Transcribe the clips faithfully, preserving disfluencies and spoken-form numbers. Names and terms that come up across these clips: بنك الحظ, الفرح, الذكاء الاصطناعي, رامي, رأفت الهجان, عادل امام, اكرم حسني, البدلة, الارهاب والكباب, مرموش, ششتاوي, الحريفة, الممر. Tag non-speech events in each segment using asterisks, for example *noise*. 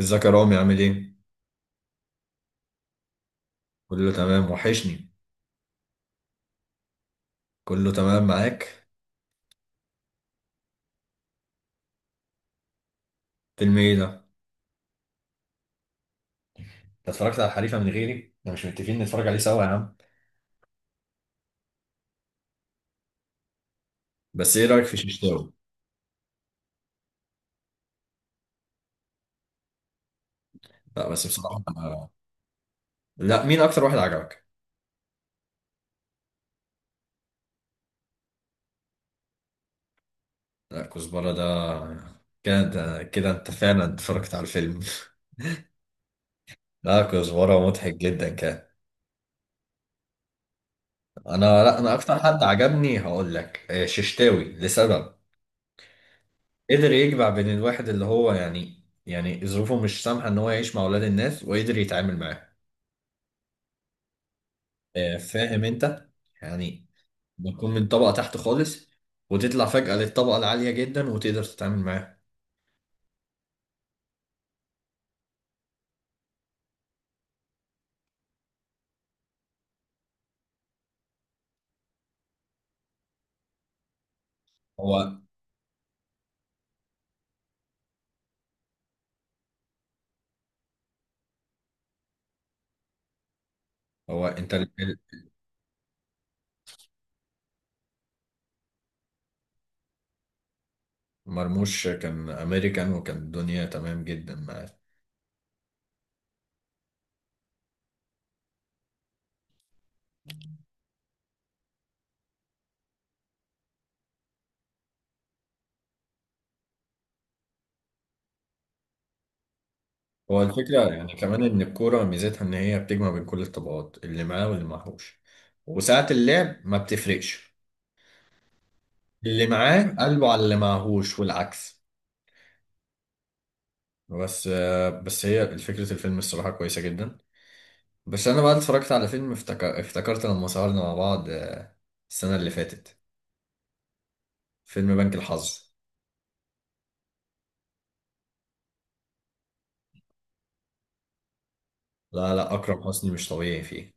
ازيك يا رامي، عامل ايه؟ كله تمام، وحشني. كله تمام معاك. فيلم ايه ده؟ انت اتفرجت على الحريفة من غيري؟ احنا مش متفقين نتفرج عليه سوا يا عم. بس ايه رأيك في ششتاوي؟ لا، بس بصراحة. لا، مين أكتر واحد عجبك؟ لا، كزبرة ده؟ كده كده أنت فعلا اتفرجت على الفيلم. *laughs* لا، كزبرة مضحك جدا كان. أنا لا، أنا أكتر حد عجبني، هقول لك، آه، ششتاوي لسبب. قدر يجمع بين الواحد اللي هو يعني يعني ظروفه مش سامحة إن هو يعيش مع أولاد الناس وقدر يتعامل معاهم. آه، فاهم انت، يعني بتكون من طبقة تحت خالص وتطلع فجأة للطبقة العالية جدا وتقدر تتعامل معاه. هو هو، انت ال- ال- مرموش كان امريكان وكان الدنيا تمام جدا معاه. هو الفكرة يعني كمان ان الكورة ميزتها ان هي بتجمع بين كل الطبقات اللي معاه واللي معهوش، وساعة اللعب ما بتفرقش، اللي معاه قلبه على اللي معهوش والعكس. بس آه، بس هي فكرة الفيلم الصراحة كويسة جدا. بس انا بقى اتفرجت على فيلم، افتكر... افتكرت لما سهرنا مع بعض، آه، السنة اللي فاتت، فيلم بنك الحظ. لا لا، اكرم حسني مش طبيعي فيه.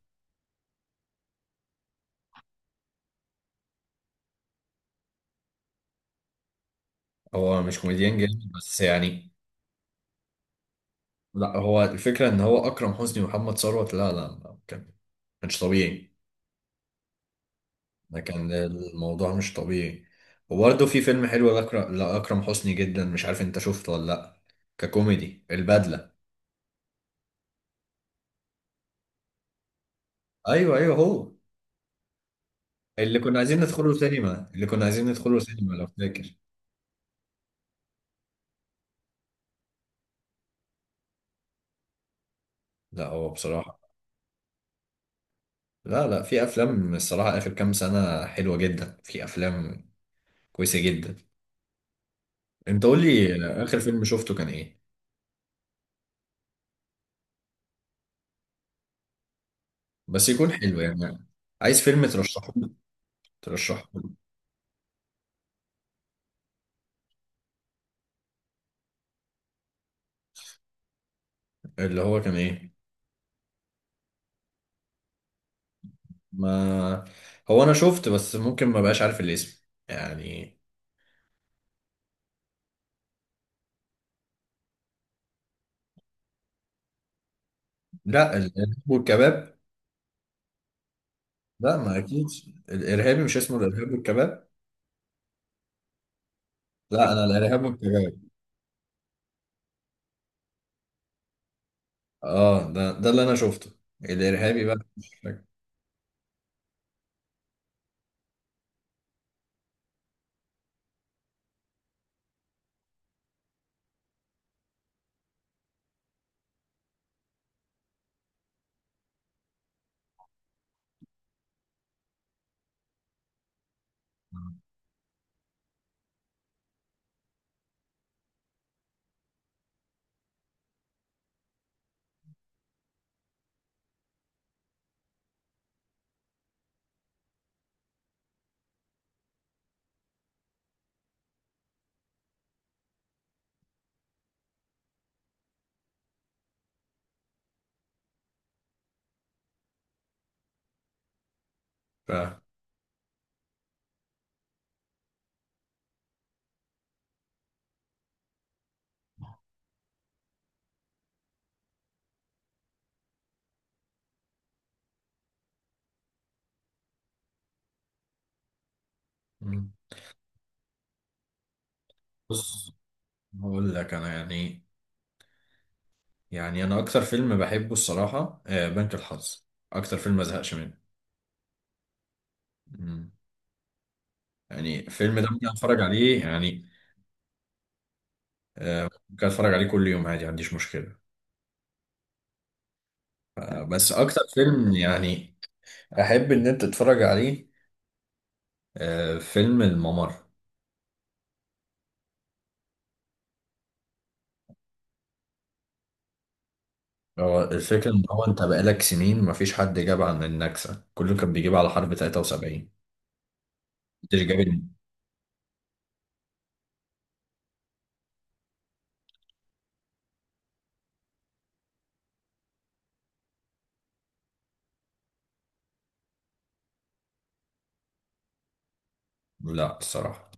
هو مش كوميديان جامد، بس يعني. لا، هو الفكرة ان هو اكرم حسني ومحمد ثروت، لا لا لا، كان مش طبيعي. ده كان الموضوع مش طبيعي. وبرده في فيلم حلو لأكرم... لأكرم حسني جدا، مش عارف انت شفته ولا لا، ككوميدي، البدلة. ايوه ايوه، هو اللي كنا عايزين ندخله سينما اللي كنا عايزين ندخله سينما لو فاكر. لا، هو بصراحة. لا لا، في افلام الصراحه اخر كام سنه حلوه جدا، في افلام كويسه جدا. انت قول لي اخر فيلم شفته كان ايه، بس يكون حلو يعني. عايز فيلم ترشحه لي ترشحه لي. اللي هو كان ايه؟ ما هو انا شفت، بس ممكن ما بقاش عارف الاسم يعني. لا، الارهاب والكباب. لا، ما اكيد. الارهابي مش اسمه الارهاب والكباب. لا، انا الارهاب والكباب. اه، ده ده اللي انا شفته. الارهابي بقى مش فاكر. ف- بص، هقول لك انا يعني. يعني انا اكتر فيلم بحبه الصراحه، آه، بنك الحظ. اكتر فيلم ما زهقش منه. مم. يعني الفيلم ده ممكن اتفرج عليه، يعني ممكن اتفرج عليه كل يوم عادي، ما عنديش مشكله. ف- بس اكتر فيلم يعني احب ان انت تتفرج عليه، آه، فيلم الممر. هو الفكره ان هو انت بقالك سنين ما فيش حد جاب عن النكسه، كله كان بيجيب على حرب تلاتة وسبعين. محدش جاب ال- لا، الصراحه.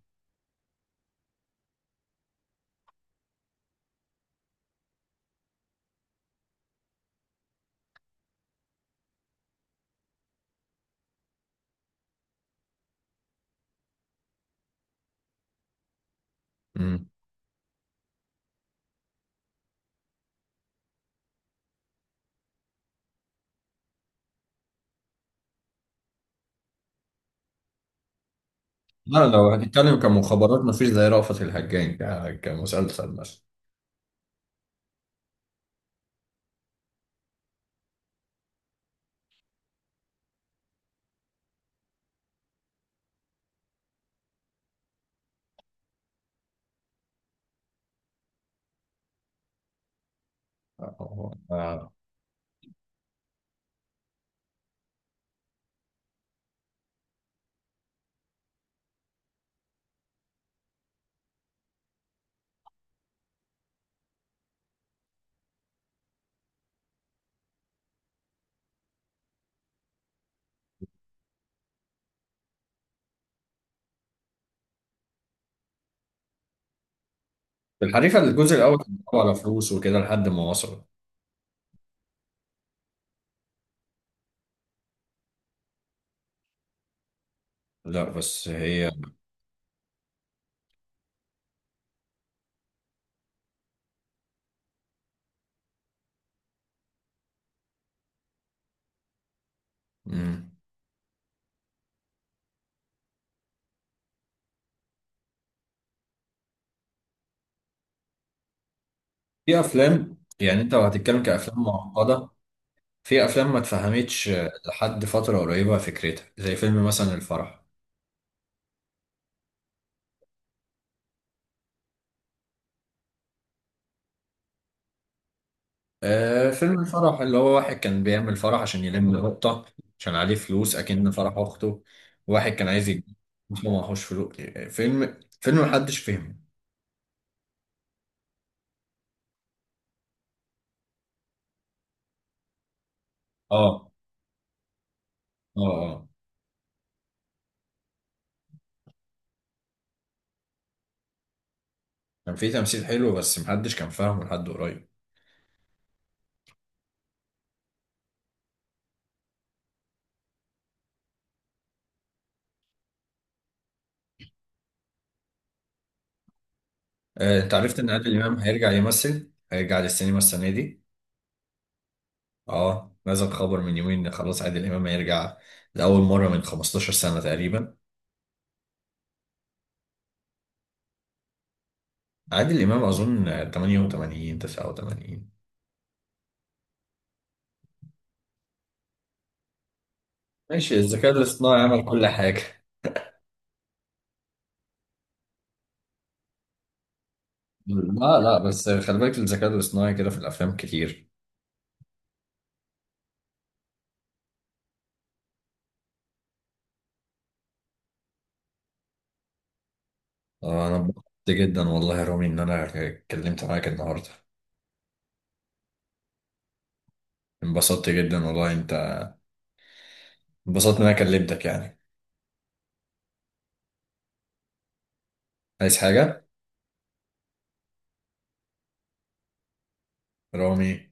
مم. لا، لو هنتكلم كمخابرات مفيش زي رأفت الهجان، ك- كمسلسل مثلا. الحريفة الجزء الأول كان بيلعبوا على فلوس وكده لحد ما وصلوا. لا، بس هي. مم. في أفلام، يعني أنت لو هتتكلم كأفلام معقدة، في أفلام ما اتفهمتش لحد فترة قريبة، فكرتها زي فيلم مثلا الفرح. آه فيلم الفرح اللي هو واحد كان بيعمل فرح عشان يلم نقطة، عشان عليه فلوس، أكن فرح أخته. واحد كان عايز يجيب، بس هو معهوش فلوس. فيلم فيلم محدش فهمه. اه اه اه، كان في تمثيل حلو بس محدش كان فاهمه لحد قريب. آه، انت عرفت ان عادل امام هيرجع يمثل، هيرجع للسينما السنه دي؟ اه، نزل خبر من يومين ان خلاص عادل امام هيرجع، لاول مره من خمستاشر سنه تقريبا. عادل امام اظن تمانية وتمانين تسعة وتمانين. ماشي، الذكاء الاصطناعي عمل كل حاجه. لا لا، بس خلي بالك الذكاء الاصطناعي كده في الافلام كتير. آه، انا انبسطت جدا والله يا رامي ان انا اتكلمت معاك النهارده. انبسطت جدا والله، انت. انبسطت ان انا كلمتك يعني. عايز حاجه، رامي؟